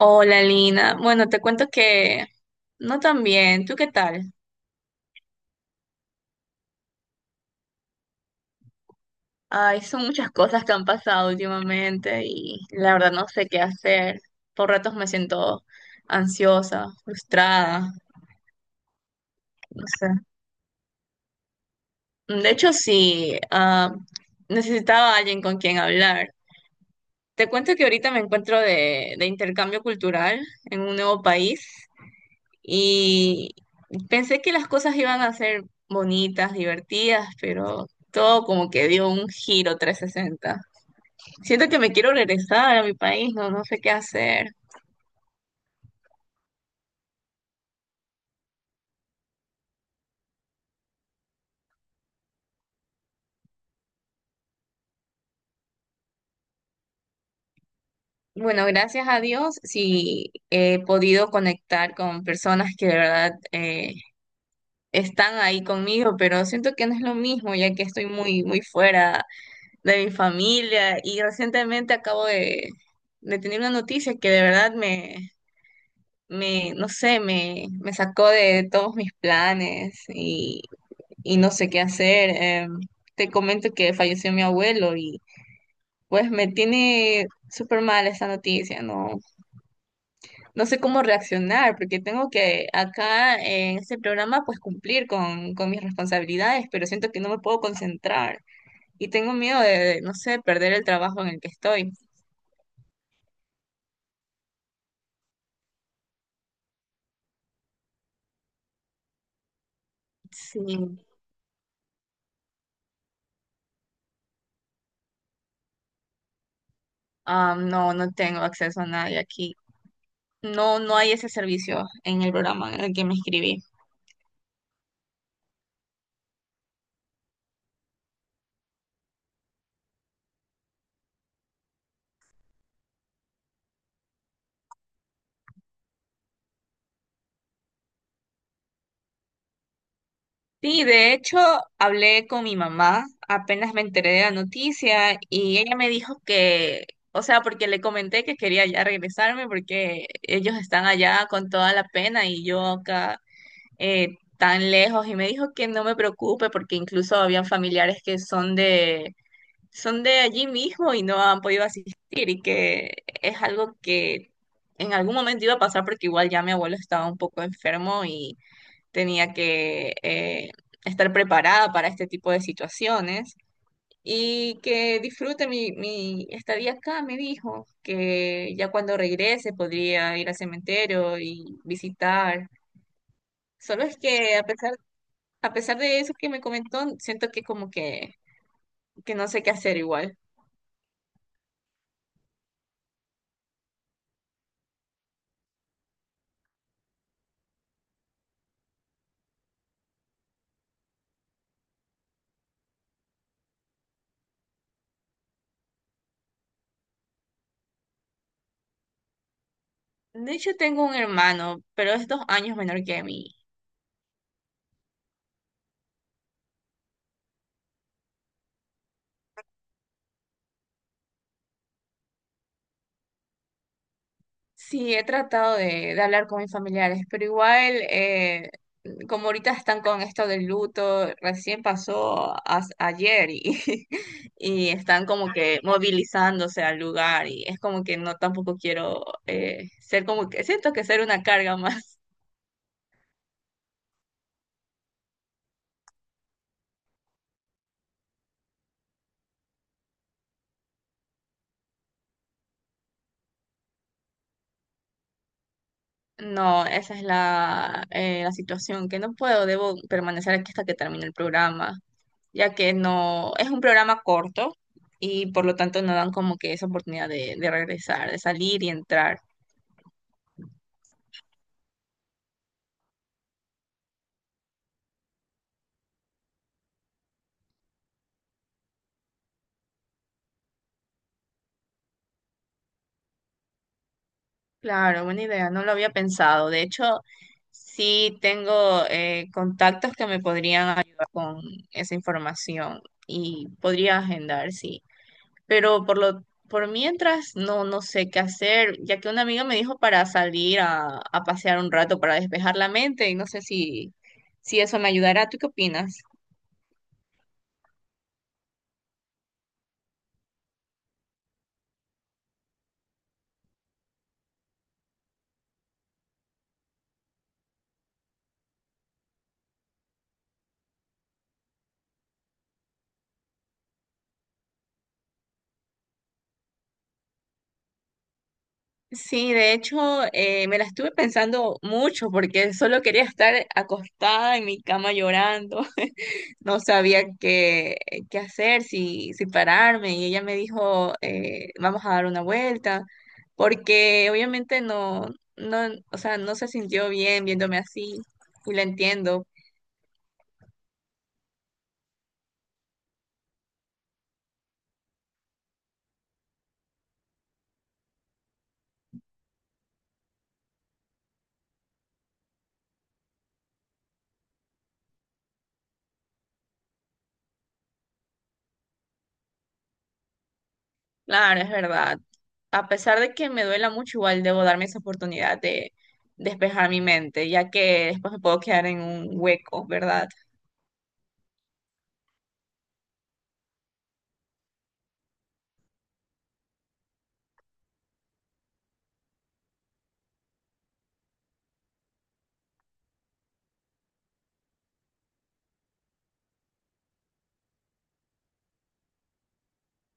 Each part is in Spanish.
Hola Lina, bueno, te cuento que no tan bien, ¿tú qué tal? Ay, son muchas cosas que han pasado últimamente y la verdad no sé qué hacer. Por ratos me siento ansiosa, frustrada, no sé. De hecho, sí, necesitaba a alguien con quien hablar. Te cuento que ahorita me encuentro de intercambio cultural en un nuevo país y pensé que las cosas iban a ser bonitas, divertidas, pero todo como que dio un giro 360. Siento que me quiero regresar a mi país, no, no sé qué hacer. Bueno, gracias a Dios sí he podido conectar con personas que de verdad están ahí conmigo, pero siento que no es lo mismo ya que estoy muy, muy fuera de mi familia y recientemente acabo de tener una noticia que de verdad me, me, no sé, me sacó de todos mis planes y no sé qué hacer. Te comento que falleció mi abuelo y pues me tiene súper mal esta noticia, no, no sé cómo reaccionar porque tengo que acá en este programa pues cumplir con mis responsabilidades, pero siento que no me puedo concentrar y tengo miedo no sé, perder el trabajo en el que estoy. Sí. Ah, no, no tengo acceso a nadie aquí. No, no hay ese servicio en el programa en el que me inscribí. Sí, de hecho, hablé con mi mamá, apenas me enteré de la noticia y ella me dijo que, o sea, porque le comenté que quería ya regresarme porque ellos están allá con toda la pena y yo acá eh, tan lejos y me dijo que no me preocupe porque incluso habían familiares que son de allí mismo y no han podido asistir y que es algo que en algún momento iba a pasar porque igual ya mi abuelo estaba un poco enfermo y tenía que estar preparada para este tipo de situaciones. Y que disfrute mi estadía acá, me dijo, que ya cuando regrese podría ir al cementerio y visitar. Solo es que a pesar de eso que me comentó, siento que como que no sé qué hacer igual. De hecho, tengo un hermano, pero es dos años menor que mí. Sí, he tratado de hablar con mis familiares, pero igual, como ahorita están con esto del luto, recién pasó ayer y, y están como que movilizándose al lugar y es como que no tampoco quiero ser como que, siento que ser una carga más. No, esa es la, la situación, que no puedo, debo permanecer aquí hasta que termine el programa, ya que no es un programa corto y por lo tanto no dan como que esa oportunidad de regresar, de salir y entrar. Claro, buena idea, no lo había pensado. De hecho, sí tengo contactos que me podrían ayudar con esa información y podría agendar, sí. Pero por lo, por mientras no, no sé qué hacer, ya que una amiga me dijo para salir a pasear un rato para despejar la mente y no sé si, si eso me ayudará. ¿Tú qué opinas? Sí, de hecho, me la estuve pensando mucho porque solo quería estar acostada en mi cama llorando. No sabía qué, qué hacer, si, si pararme. Y ella me dijo, vamos a dar una vuelta, porque obviamente no, no, o sea, no se sintió bien viéndome así. Y la entiendo. Claro, es verdad. A pesar de que me duela mucho, igual debo darme esa oportunidad de despejar mi mente, ya que después me puedo quedar en un hueco, ¿verdad?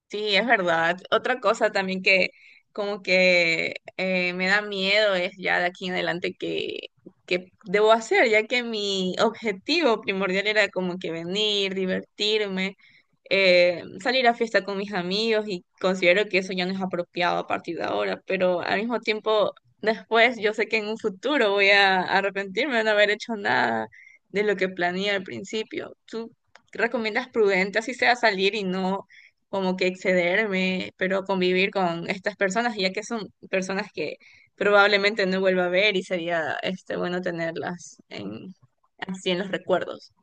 Sí, es verdad. Otra cosa también que como que me da miedo es ya de aquí en adelante que debo hacer, ya que mi objetivo primordial era como que venir, divertirme, salir a fiesta con mis amigos y considero que eso ya no es apropiado a partir de ahora, pero al mismo tiempo después yo sé que en un futuro voy a arrepentirme de no haber hecho nada de lo que planeé al principio. ¿Tú recomiendas prudente así sea salir y no como que excederme, pero convivir con estas personas, ya que son personas que probablemente no vuelva a ver y sería este bueno tenerlas en, así en los recuerdos?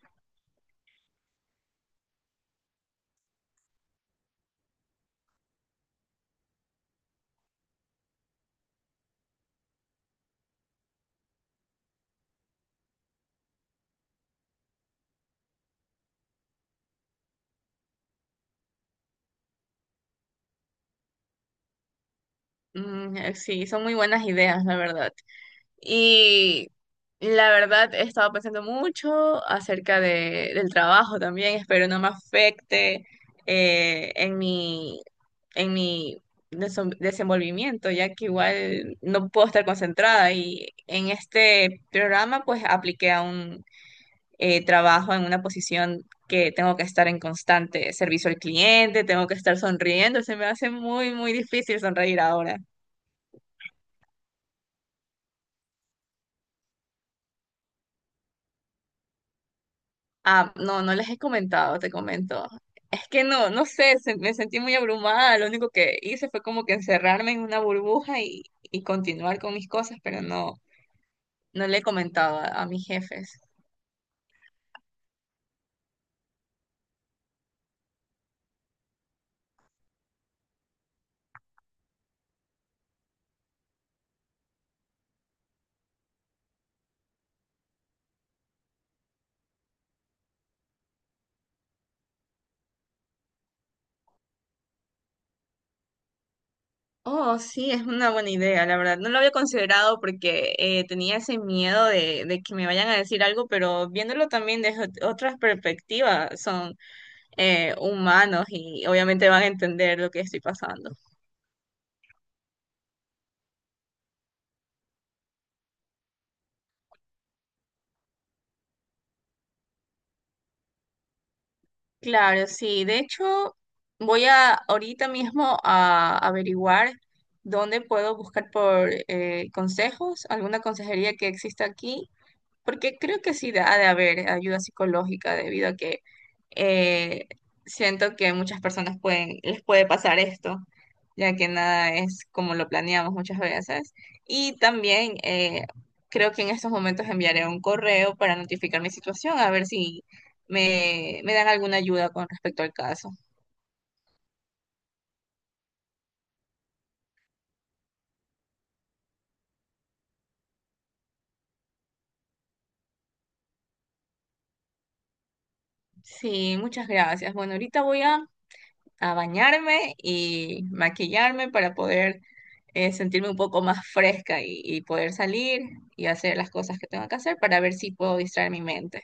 Mm, sí, son muy buenas ideas, la verdad. Y la verdad he estado pensando mucho acerca de, del trabajo también. Espero no me afecte eh, en mi, en mi desenvolvimiento, ya que igual no puedo estar concentrada. Y en este programa pues apliqué a un trabajo en una posición que tengo que estar en constante servicio al cliente, tengo que estar sonriendo. Se me hace muy, muy difícil sonreír ahora. Ah, no, no les he comentado, te comento. Es que no, no sé, me sentí muy abrumada. Lo único que hice fue como que encerrarme en una burbuja y continuar con mis cosas, pero no, no le he comentado a mis jefes. Oh, sí, es una buena idea, la verdad. No lo había considerado porque tenía ese miedo de que me vayan a decir algo, pero viéndolo también desde otras perspectivas, son humanos y obviamente van a entender lo que estoy pasando. Claro, sí. De hecho, voy a ahorita mismo a averiguar dónde puedo buscar por consejos, alguna consejería que exista aquí porque creo que sí ha de haber ayuda psicológica debido a que eh, siento que muchas personas pueden, les puede pasar esto, ya que nada es como lo planeamos muchas veces. Y también creo que en estos momentos enviaré un correo para notificar mi situación, a ver si me, me dan alguna ayuda con respecto al caso. Sí, muchas gracias. Bueno, ahorita voy a bañarme y maquillarme para poder sentirme un poco más fresca y poder salir y hacer las cosas que tengo que hacer para ver si puedo distraer mi mente.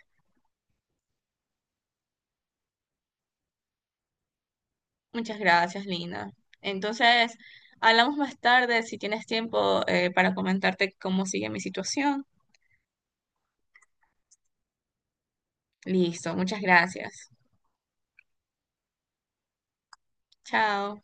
Muchas gracias, Lina. Entonces, hablamos más tarde si tienes tiempo para comentarte cómo sigue mi situación. Listo, muchas gracias. Chao.